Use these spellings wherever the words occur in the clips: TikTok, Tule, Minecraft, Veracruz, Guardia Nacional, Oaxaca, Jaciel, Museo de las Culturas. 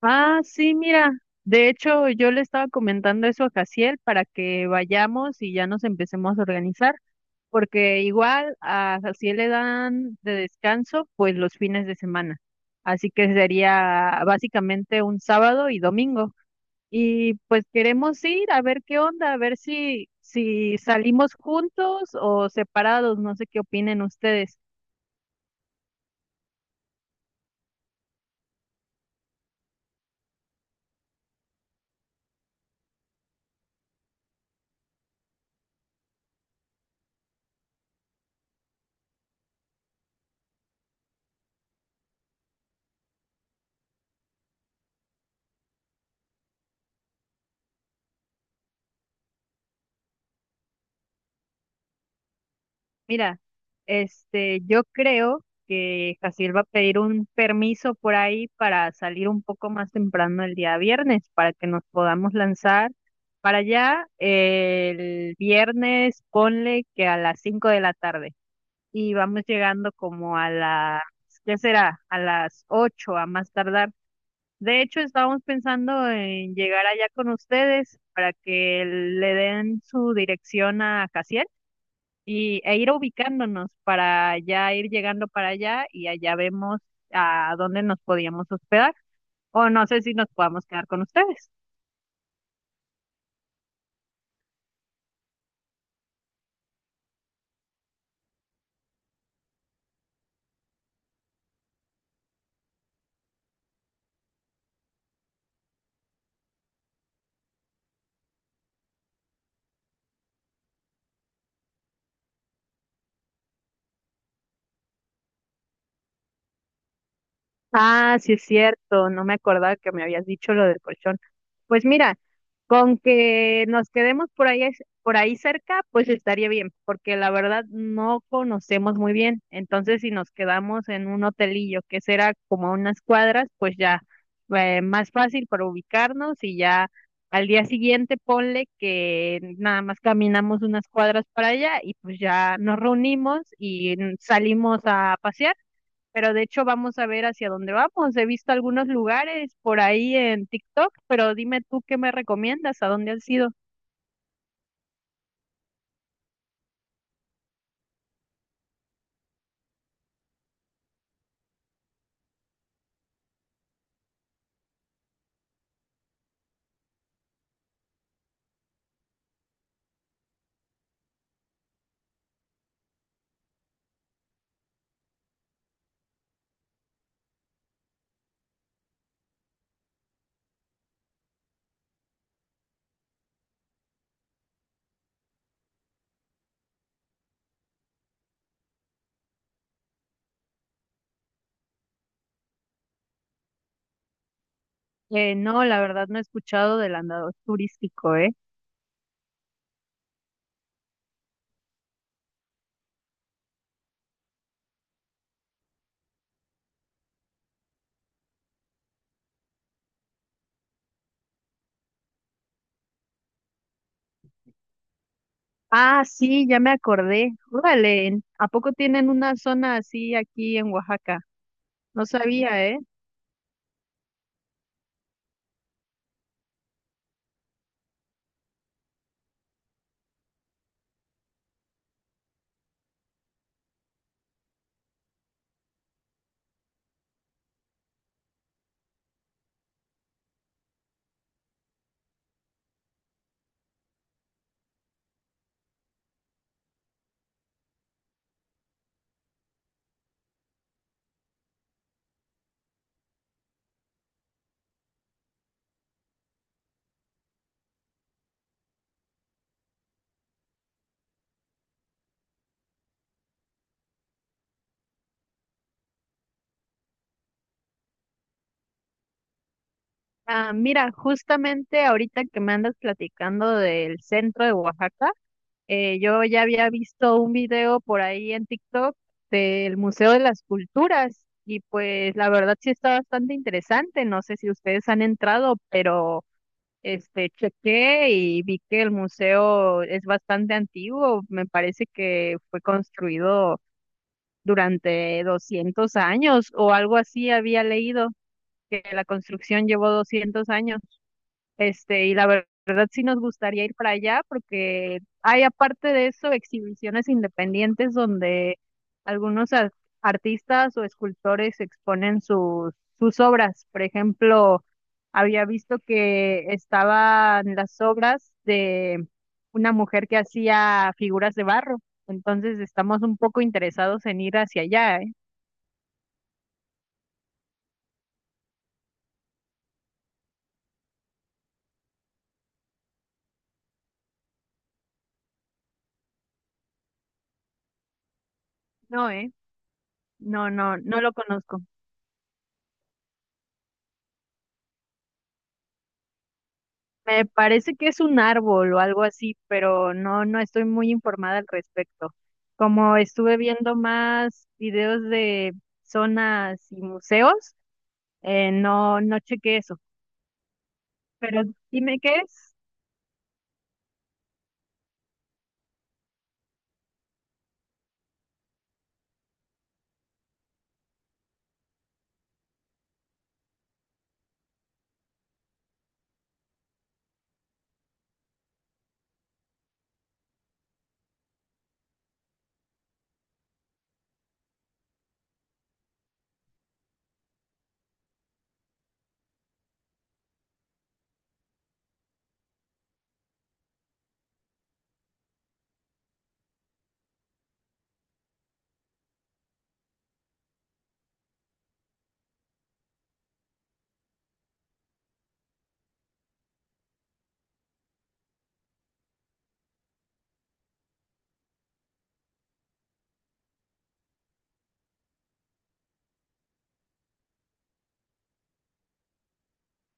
Ah, sí, mira. De hecho, yo le estaba comentando eso a Jaciel para que vayamos y ya nos empecemos a organizar, porque igual a Jaciel le dan de descanso pues los fines de semana. Así que sería básicamente un sábado y domingo. Y pues queremos ir a ver qué onda, a ver si, si salimos juntos o separados, no sé qué opinen ustedes. Mira, yo creo que Jaciel va a pedir un permiso por ahí para salir un poco más temprano el día viernes, para que nos podamos lanzar para allá el viernes, ponle que a las 5 de la tarde. Y vamos llegando como a las, ¿qué será? A las 8 a más tardar. De hecho, estábamos pensando en llegar allá con ustedes para que le den su dirección a Jaciel y, e ir ubicándonos para ya ir llegando para allá y allá vemos a dónde nos podíamos hospedar. O no sé si nos podamos quedar con ustedes. Ah, sí es cierto, no me acordaba que me habías dicho lo del colchón. Pues mira, con que nos quedemos por ahí, por ahí cerca, pues estaría bien, porque la verdad no conocemos muy bien. Entonces, si nos quedamos en un hotelillo que será como a unas cuadras, pues ya más fácil para ubicarnos y ya al día siguiente ponle que nada más caminamos unas cuadras para allá y pues ya nos reunimos y salimos a pasear. Pero de hecho vamos a ver hacia dónde vamos. He visto algunos lugares por ahí en TikTok, pero dime tú qué me recomiendas, a dónde has ido. No, la verdad no he escuchado del andador turístico, ¿eh? Ah, sí, ya me acordé. Órale, ¿a poco tienen una zona así aquí en Oaxaca? No sabía, ¿eh? Ah, mira, justamente ahorita que me andas platicando del centro de Oaxaca, yo ya había visto un video por ahí en TikTok del Museo de las Culturas y pues la verdad sí está bastante interesante. No sé si ustedes han entrado, pero chequé y vi que el museo es bastante antiguo. Me parece que fue construido durante 200 años o algo así había leído que la construcción llevó 200 años. Y la verdad sí nos gustaría ir para allá porque hay aparte de eso exhibiciones independientes donde algunos artistas o escultores exponen sus obras. Por ejemplo, había visto que estaban las obras de una mujer que hacía figuras de barro. Entonces estamos un poco interesados en ir hacia allá, ¿eh? No, ¿eh? No, no lo conozco. Me parece que es un árbol o algo así, pero no estoy muy informada al respecto. Como estuve viendo más videos de zonas y museos, no chequé eso. Pero dime qué es.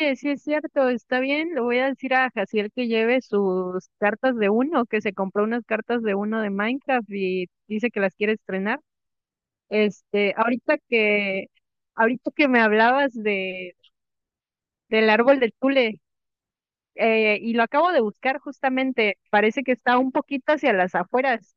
Oye, sí es cierto, está bien. Le voy a decir a Jaciel que lleve sus cartas de uno, que se compró unas cartas de uno de Minecraft y dice que las quiere estrenar. Este, ahorita que, ahorita que me hablabas del árbol de Tule. Y lo acabo de buscar justamente, parece que está un poquito hacia las afueras.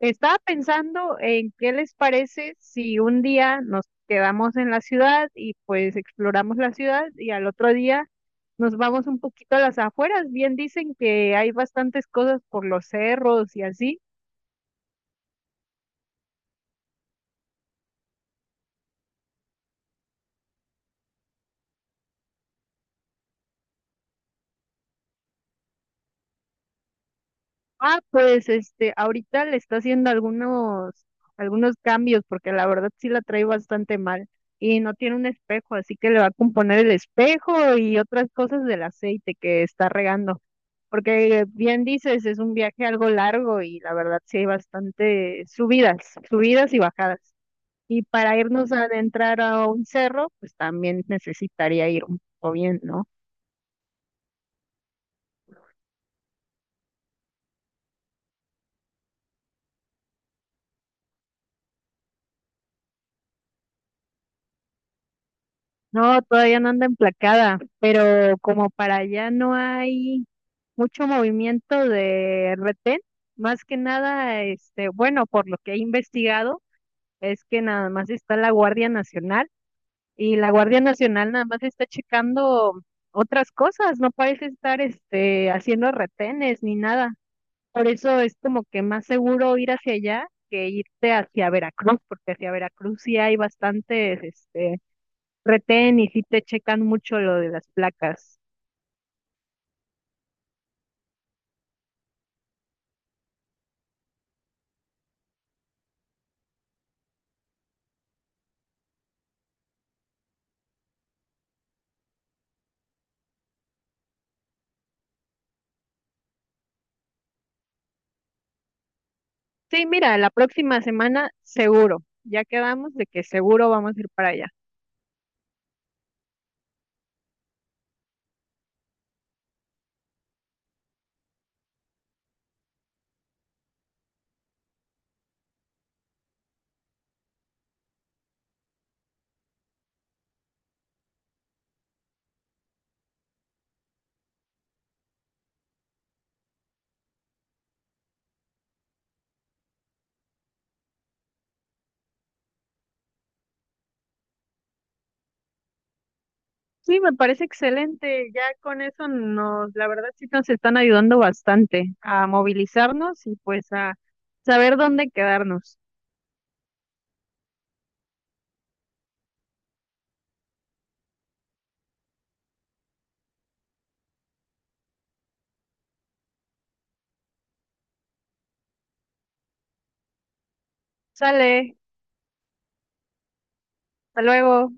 Estaba pensando en qué les parece si un día nos quedamos en la ciudad y pues exploramos la ciudad y al otro día nos vamos un poquito a las afueras. Bien dicen que hay bastantes cosas por los cerros y así. Ah, pues ahorita le está haciendo algunos cambios, porque la verdad sí la trae bastante mal. Y no tiene un espejo, así que le va a componer el espejo y otras cosas del aceite que está regando. Porque bien dices, es un viaje algo largo y la verdad sí hay bastante subidas, subidas y bajadas. Y para irnos a adentrar a un cerro, pues también necesitaría ir un poco bien, ¿no? No, todavía no anda emplacada, pero como para allá no hay mucho movimiento de retén. Más que nada, bueno, por lo que he investigado, es que nada más está la Guardia Nacional y la Guardia Nacional nada más está checando otras cosas, no parece estar haciendo retenes ni nada. Por eso es como que más seguro ir hacia allá que irte hacia Veracruz, porque hacia Veracruz sí hay bastantes retén y sí te checan mucho lo de las placas. Sí, mira, la próxima semana seguro. Ya quedamos de que seguro vamos a ir para allá. Sí, me parece excelente. Ya con eso nos, la verdad sí nos están ayudando bastante a movilizarnos y pues a saber dónde quedarnos. Sale, hasta luego.